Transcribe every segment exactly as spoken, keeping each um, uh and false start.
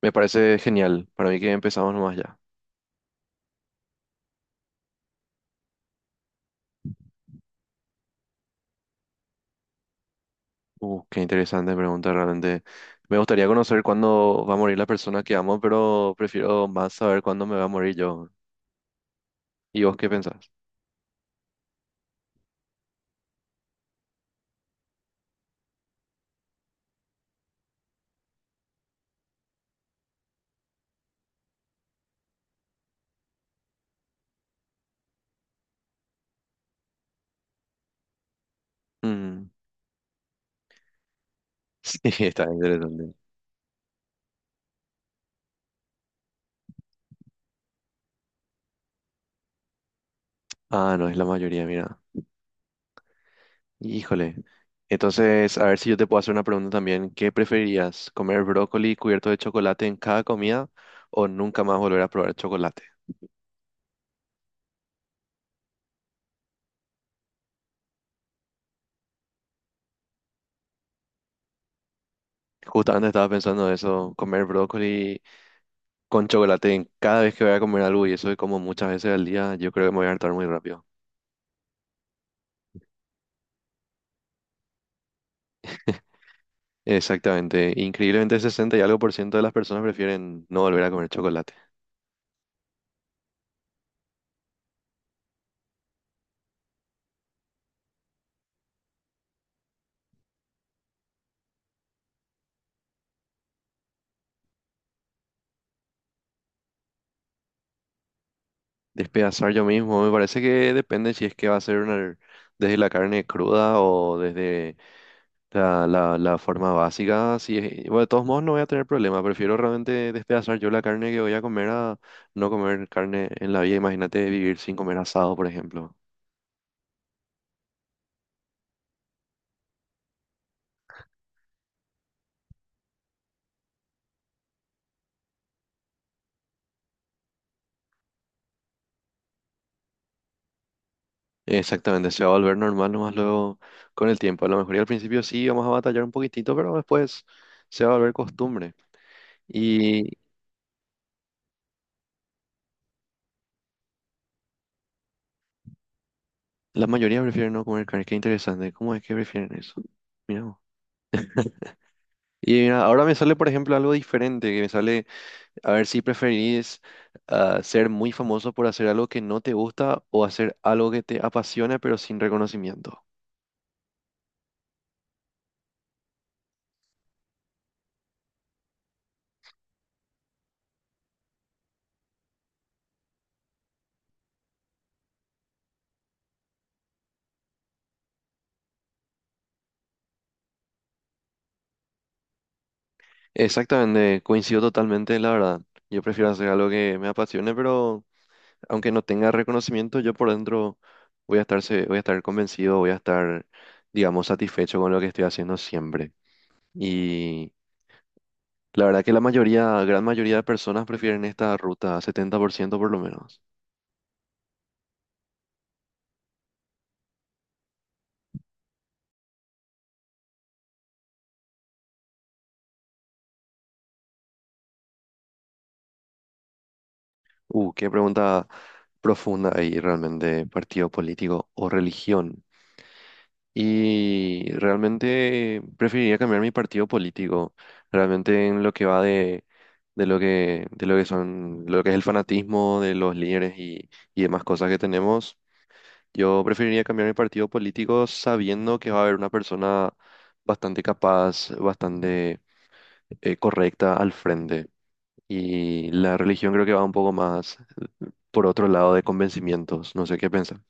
Me parece genial. Para mí que empezamos nomás ya. Uh, qué interesante pregunta realmente. Me gustaría conocer cuándo va a morir la persona que amo, pero prefiero más saber cuándo me va a morir yo. ¿Y vos qué pensás? Mm, sí, está interesante. Ah, no, es la mayoría, mira. Híjole. Entonces, a ver si yo te puedo hacer una pregunta también. ¿Qué preferirías? ¿Comer brócoli cubierto de chocolate en cada comida o nunca más volver a probar chocolate? Justamente estaba pensando eso, comer brócoli Con chocolate, en- cada vez que voy a comer algo, y eso es como muchas veces al día, yo creo que me voy a hartar muy rápido. Exactamente. Increíblemente, sesenta y algo por ciento de las personas prefieren no volver a comer chocolate. Despedazar yo mismo, me parece que depende si es que va a ser una- desde la carne cruda o desde la, la- la forma básica. Si es- Bueno, de todos modos, no voy a tener problema. Prefiero realmente despedazar yo la carne que voy a comer a no comer carne en la vida. Imagínate vivir sin comer asado, por ejemplo. Exactamente, se va a volver normal nomás luego con el tiempo. A lo mejor y al principio sí vamos a batallar un poquitito, pero después se va a volver costumbre. Y la mayoría prefieren no comer carne. Qué interesante. ¿Cómo es que prefieren eso? Mira. vos. Y mira, ahora me sale, por ejemplo, algo diferente, que me sale, a ver si preferís ah, ser muy famoso por hacer algo que no te gusta o hacer algo que te apasiona pero sin reconocimiento. Exactamente, coincido totalmente, la verdad. Yo prefiero hacer algo que me apasione, pero aunque no tenga reconocimiento, yo por dentro voy a estar, se- voy a estar convencido, voy a estar, digamos, satisfecho con lo que estoy haciendo siempre. Y la verdad que la mayoría, gran mayoría de personas prefieren esta ruta, setenta por ciento por lo menos. Uh, qué pregunta profunda ahí realmente, partido político o religión. Y realmente preferiría cambiar mi partido político, realmente en lo que va de, de lo que, de lo que son, lo que es el fanatismo de los líderes y, y demás cosas que tenemos. Yo preferiría cambiar mi partido político sabiendo que va a haber una persona bastante capaz, bastante eh, correcta al frente. Y la religión creo que va un poco más por otro lado de convencimientos. No sé qué piensas.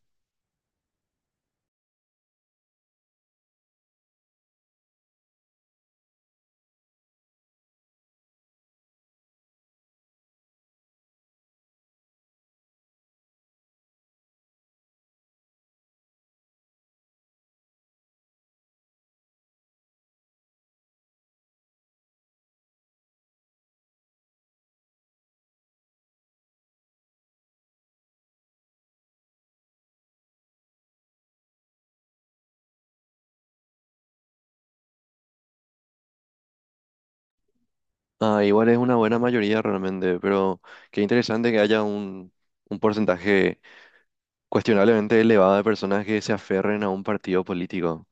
Ah, igual es una buena mayoría realmente, pero qué interesante que haya un, un porcentaje cuestionablemente elevado de personas que se aferren a un partido político.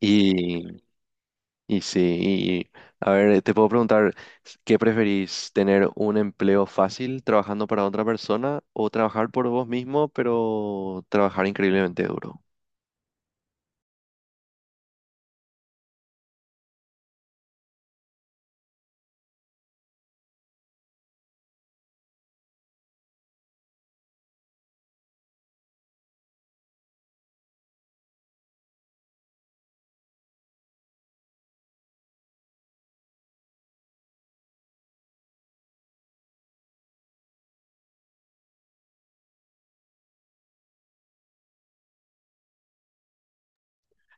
Y, y sí, y, a ver, te puedo preguntar, ¿qué preferís? ¿Tener un empleo fácil trabajando para otra persona o trabajar por vos mismo, pero trabajar increíblemente duro?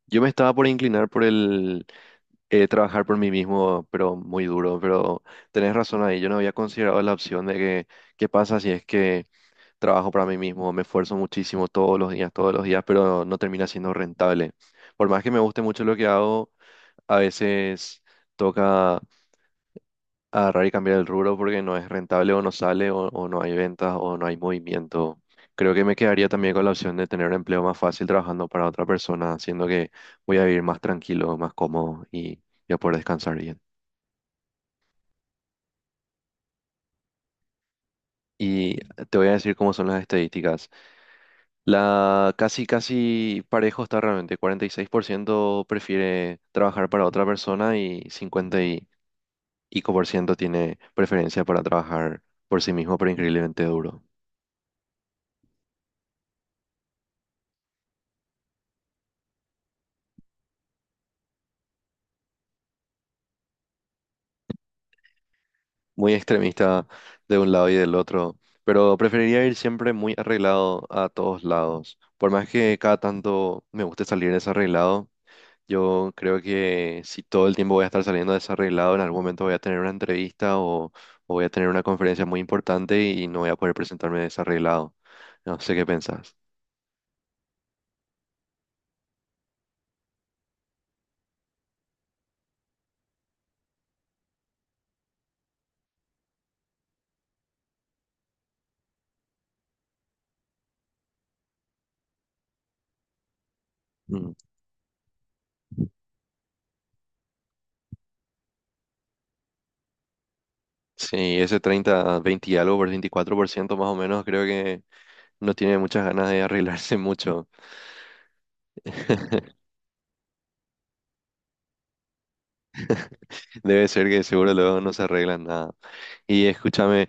Yo me estaba por inclinar por el, eh, trabajar por mí mismo, pero muy duro. Pero tenés razón ahí, yo no había considerado la opción de que qué pasa si es que trabajo para mí mismo, me esfuerzo muchísimo todos los días, todos los días, pero no termina siendo rentable. Por más que me guste mucho lo que hago, a veces toca agarrar y cambiar el rubro porque no es rentable o no sale o, o no hay ventas o no hay movimiento. Creo que me quedaría también con la opción de tener un empleo más fácil trabajando para otra persona, siendo que voy a vivir más tranquilo, más cómodo y ya poder descansar bien. Y te voy a decir cómo son las estadísticas. La casi, casi parejo está realmente. Cuarenta y seis por ciento prefiere trabajar para otra persona y cincuenta y pico por ciento tiene preferencia para trabajar por sí mismo, pero increíblemente duro. Muy extremista de un lado y del otro, pero preferiría ir siempre muy arreglado a todos lados. Por más que cada tanto me guste salir desarreglado, yo creo que si todo el tiempo voy a estar saliendo desarreglado, en algún momento voy a tener una entrevista o, o voy a tener una conferencia muy importante y no voy a poder presentarme desarreglado. No sé qué pensás. Mm. Sí, ese treinta, veinte y algo, por veinticuatro por ciento más o menos, creo que no tiene muchas ganas de arreglarse mucho. Debe ser que seguro luego no se arreglan nada. Y escúchame,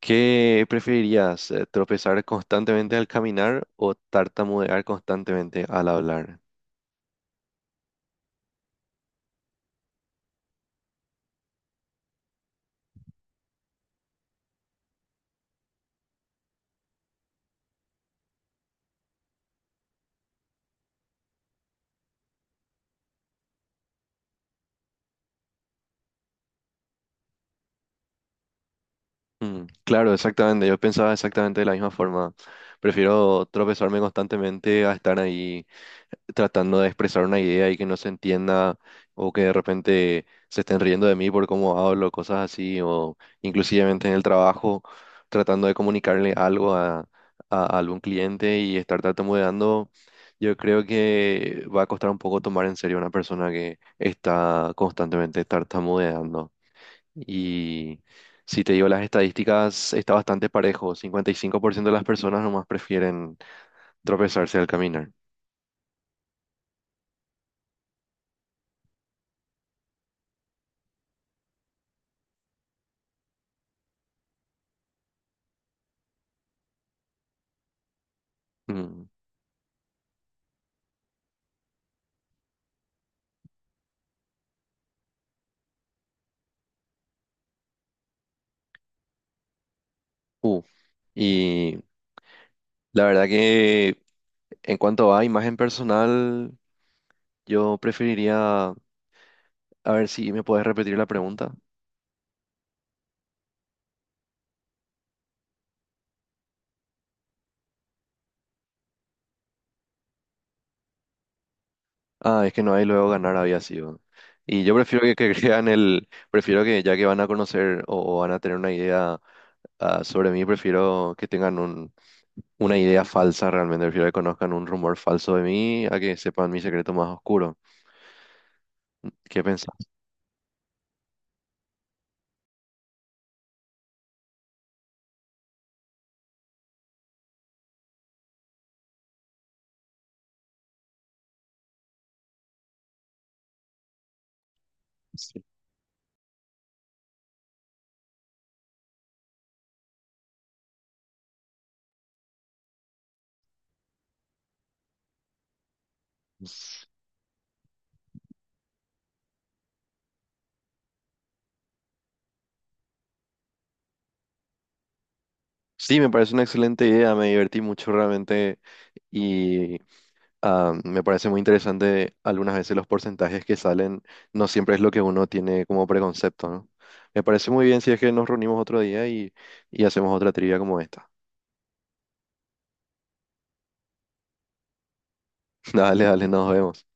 ¿qué preferirías? eh, ¿Tropezar constantemente al caminar o tartamudear constantemente al hablar? Mm, claro, exactamente. Yo pensaba exactamente de la misma forma. Prefiero tropezarme constantemente a estar ahí eh, tratando de expresar una idea y que no se entienda o que de repente se estén riendo de mí por cómo hablo, cosas así, o inclusivamente en el trabajo tratando de comunicarle algo a, a algún cliente y estar tartamudeando. Yo creo que va a costar un poco tomar en serio a una persona que está constantemente tartamudeando. Y si te digo las estadísticas, está bastante parejo. cincuenta y cinco por ciento de las personas nomás prefieren tropezarse al caminar. Mm, uh. Y la verdad que en cuanto a imagen personal, yo preferiría, a ver si me puedes repetir la pregunta. Ah, es que no hay luego ganar había sido. Y yo prefiero que, que crean el, prefiero que ya que van a conocer o, o van a tener una idea ah, sobre mí, prefiero que tengan un una idea falsa realmente. Prefiero que conozcan un rumor falso de mí a que sepan mi secreto más oscuro. ¿Qué pensás? Sí, Sí, me parece una excelente idea. Me divertí mucho realmente y ah, me parece muy interesante algunas veces los porcentajes que salen. No siempre es lo que uno tiene como preconcepto, ¿no? Me parece muy bien si es que nos reunimos otro día y, y hacemos otra trivia como esta. Dale, dale, nos vemos.